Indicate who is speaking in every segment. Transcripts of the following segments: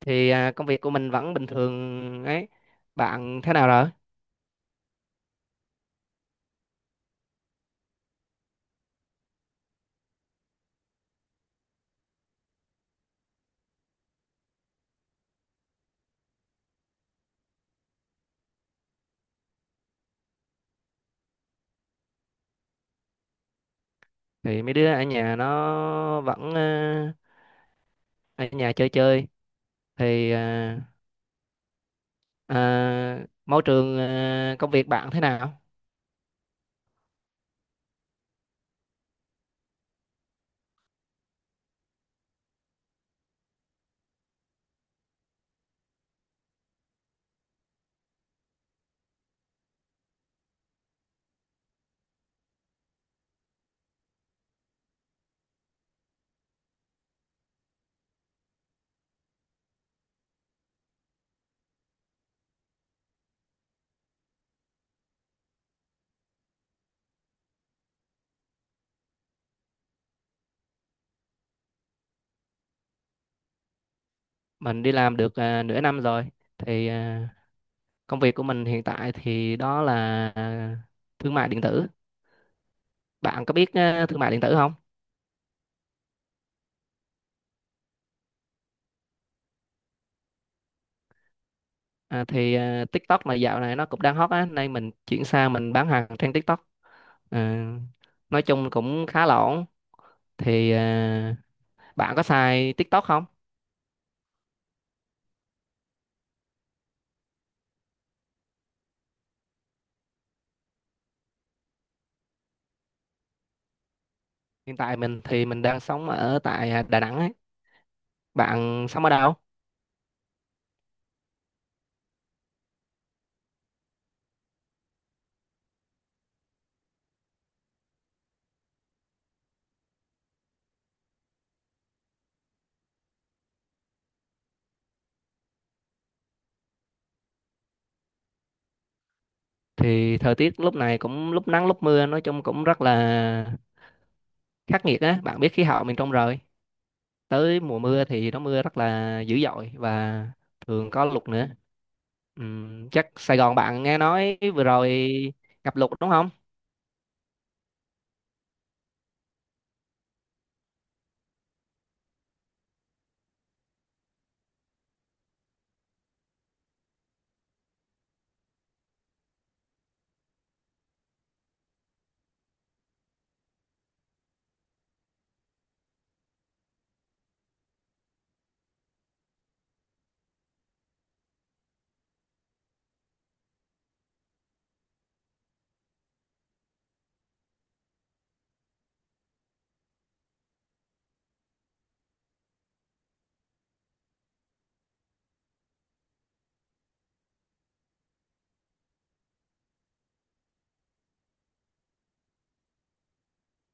Speaker 1: Thì công việc của mình vẫn bình thường ấy. Bạn thế nào rồi? Thì mấy đứa ở nhà nó vẫn ở nhà chơi chơi. Thì công việc bạn thế nào? Mình đi làm được nửa năm rồi. Thì công việc của mình hiện tại thì đó là à, thương mại điện tử. Bạn có biết thương mại điện tử không? À, thì TikTok mà dạo này nó cũng đang hot á, nên mình chuyển sang mình bán hàng trên TikTok. À, nói chung cũng khá là ổn. Thì bạn có xài TikTok không? Hiện tại mình thì mình đang sống ở tại Đà Nẵng ấy. Bạn sống ở đâu? Thì thời tiết lúc này cũng lúc nắng lúc mưa, nói chung cũng rất là khắc nghiệt á. Bạn biết khí hậu miền Trung rồi. Tới mùa mưa thì nó mưa rất là dữ dội và thường có lụt nữa. Chắc Sài Gòn bạn nghe nói vừa rồi ngập lụt đúng không?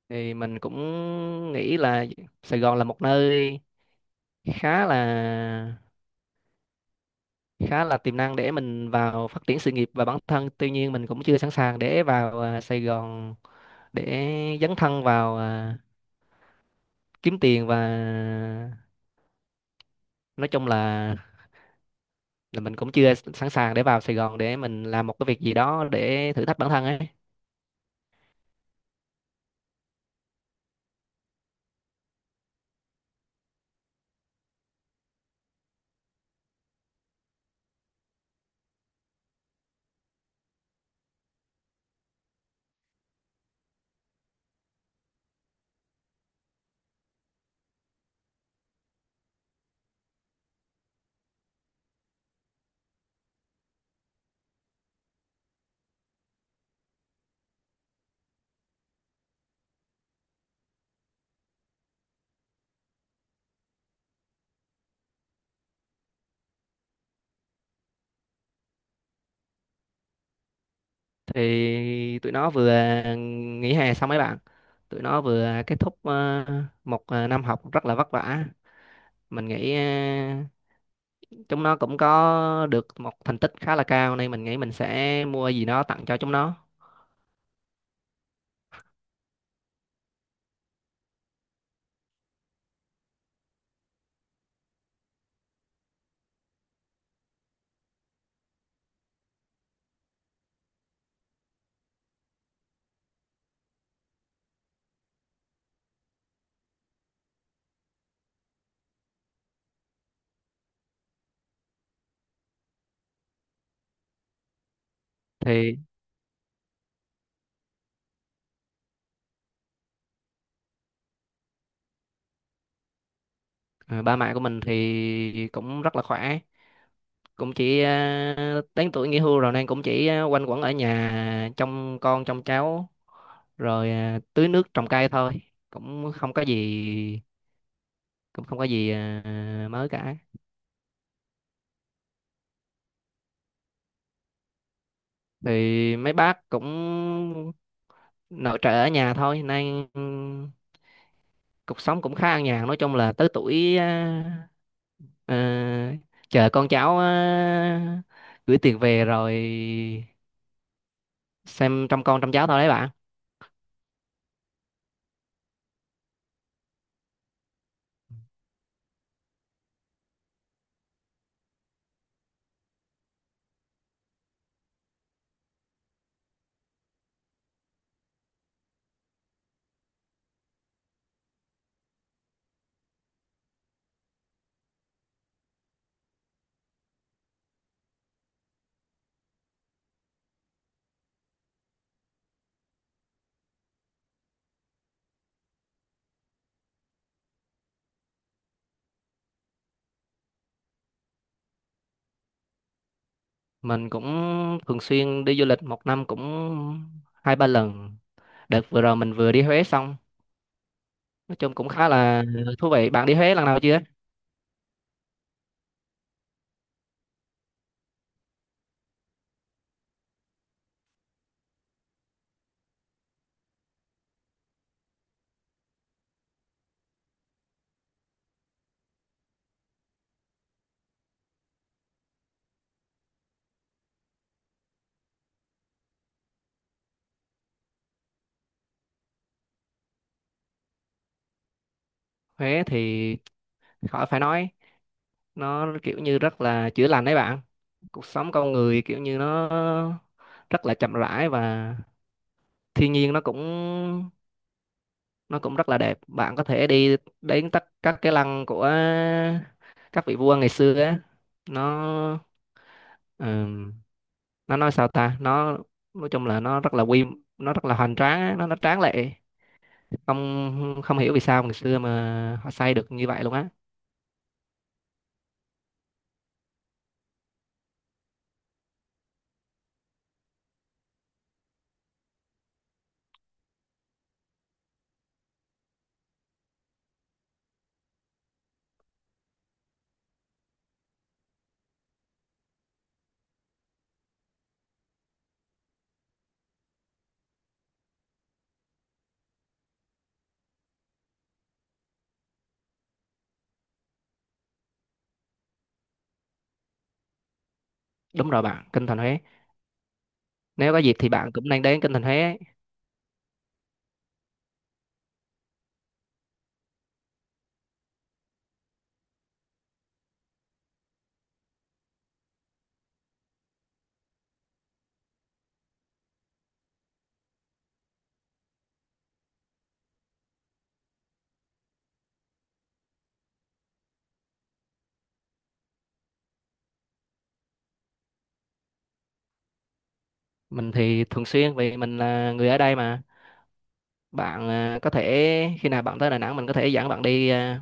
Speaker 1: Thì mình cũng nghĩ là Sài Gòn là một nơi khá là khá là tiềm năng để mình vào phát triển sự nghiệp và bản thân, tuy nhiên mình cũng chưa sẵn sàng để vào Sài Gòn, để dấn thân vào kiếm tiền, và nói chung là mình cũng chưa sẵn sàng để vào Sài Gòn để mình làm một cái việc gì đó để thử thách bản thân ấy. Thì tụi nó vừa nghỉ hè xong. Mấy bạn tụi nó vừa kết thúc một năm học rất là vất vả. Mình nghĩ chúng nó cũng có được một thành tích khá là cao, nên mình nghĩ mình sẽ mua gì đó tặng cho chúng nó. Thì ờ, ba mẹ của mình thì cũng rất là khỏe, cũng chỉ đến tuổi nghỉ hưu rồi nên cũng chỉ quanh quẩn ở nhà trông con trông cháu, rồi tưới nước trồng cây thôi. Cũng không có gì, cũng không có gì mới cả. Thì mấy bác cũng nội trợ ở nhà thôi, nên cuộc sống cũng khá an nhàn. Nói chung là tới tuổi, à, chờ con cháu gửi tiền về, rồi xem trông con trông cháu thôi đấy bạn. Mình cũng thường xuyên đi du lịch, một năm cũng hai ba lần. Đợt vừa rồi mình vừa đi Huế xong, nói chung cũng khá là thú vị. Bạn đi Huế lần nào chưa? Huế thì khỏi phải nói, nó kiểu như rất là chữa lành đấy bạn. Cuộc sống con người kiểu như nó rất là chậm rãi, và thiên nhiên nó cũng rất là đẹp. Bạn có thể đi đến tất các cái lăng của các vị vua ngày xưa á. Nó ừm, nó nói sao ta, nó nói chung là nó rất là hoành tráng á, nó tráng lệ. Không không hiểu vì sao ngày xưa mà họ xây được như vậy luôn á. Đúng rồi bạn, Kinh Thành Huế. Nếu có dịp thì bạn cũng nên đến Kinh Thành Huế ấy. Mình thì thường xuyên vì mình là người ở đây mà. Bạn à, có thể khi nào bạn tới Đà Nẵng mình có thể dẫn bạn đi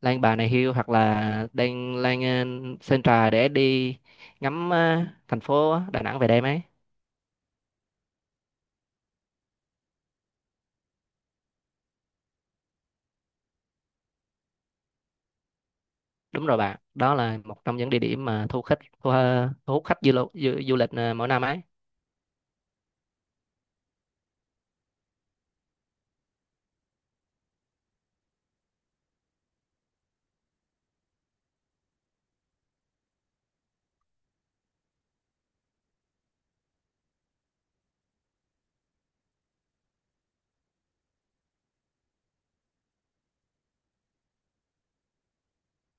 Speaker 1: Lan Bà Nà Hills, hoặc là đang Lan Sơn Trà để đi ngắm thành phố Đà Nẵng về đêm ấy. Đúng rồi bạn, đó là một trong những địa điểm mà thu hút khách du lịch mỗi năm ấy.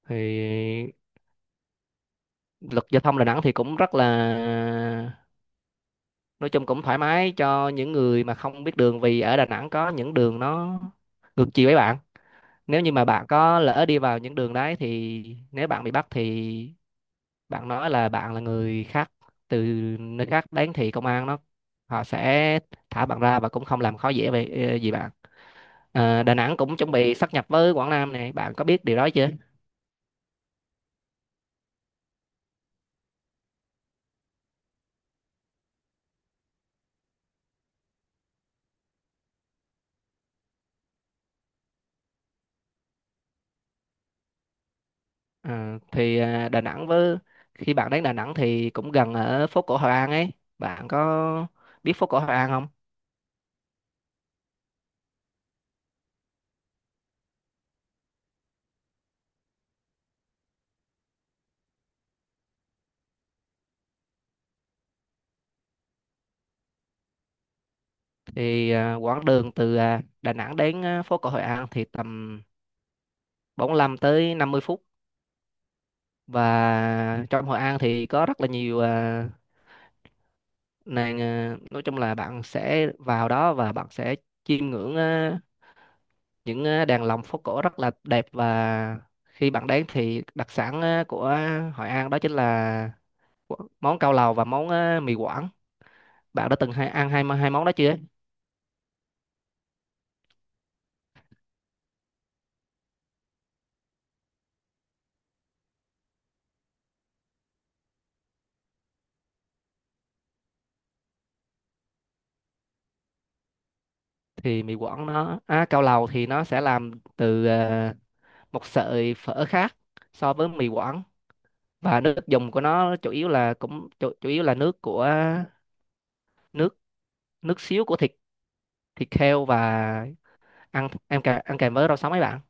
Speaker 1: Thì luật giao thông Đà Nẵng thì cũng rất là, nói chung cũng thoải mái cho những người mà không biết đường, vì ở Đà Nẵng có những đường nó ngược chiều ấy bạn. Nếu như mà bạn có lỡ đi vào những đường đấy thì nếu bạn bị bắt thì bạn nói là bạn là người khác từ nơi khác đến, thì công an nó họ sẽ thả bạn ra và cũng không làm khó dễ về gì bạn. Đà Nẵng cũng chuẩn bị sáp nhập với Quảng Nam này, bạn có biết điều đó chưa? Ờ, thì Đà Nẵng với, khi bạn đến Đà Nẵng thì cũng gần ở phố cổ Hội An ấy. Bạn có biết phố cổ Hội An không? Thì quãng đường từ Đà Nẵng đến phố cổ Hội An thì tầm 45 tới 50 phút. Và trong Hội An thì có rất là nhiều ờ, Nên nói chung là bạn sẽ vào đó và bạn sẽ chiêm ngưỡng những đàn lồng phố cổ rất là đẹp. Và khi bạn đến thì đặc sản của Hội An đó chính là món cao lầu và món mì Quảng. Bạn đã từng hai, ăn hai hai món đó chưa? Thì mì Quảng nó, cao lầu thì nó sẽ làm từ một sợi phở khác so với mì Quảng, và nước dùng của nó chủ yếu là chủ yếu là nước của nước nước xíu của thịt thịt heo, và ăn kèm với rau sống ấy bạn.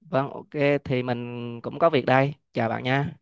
Speaker 1: Vâng, ok, thì mình cũng có việc đây. Chào bạn nha.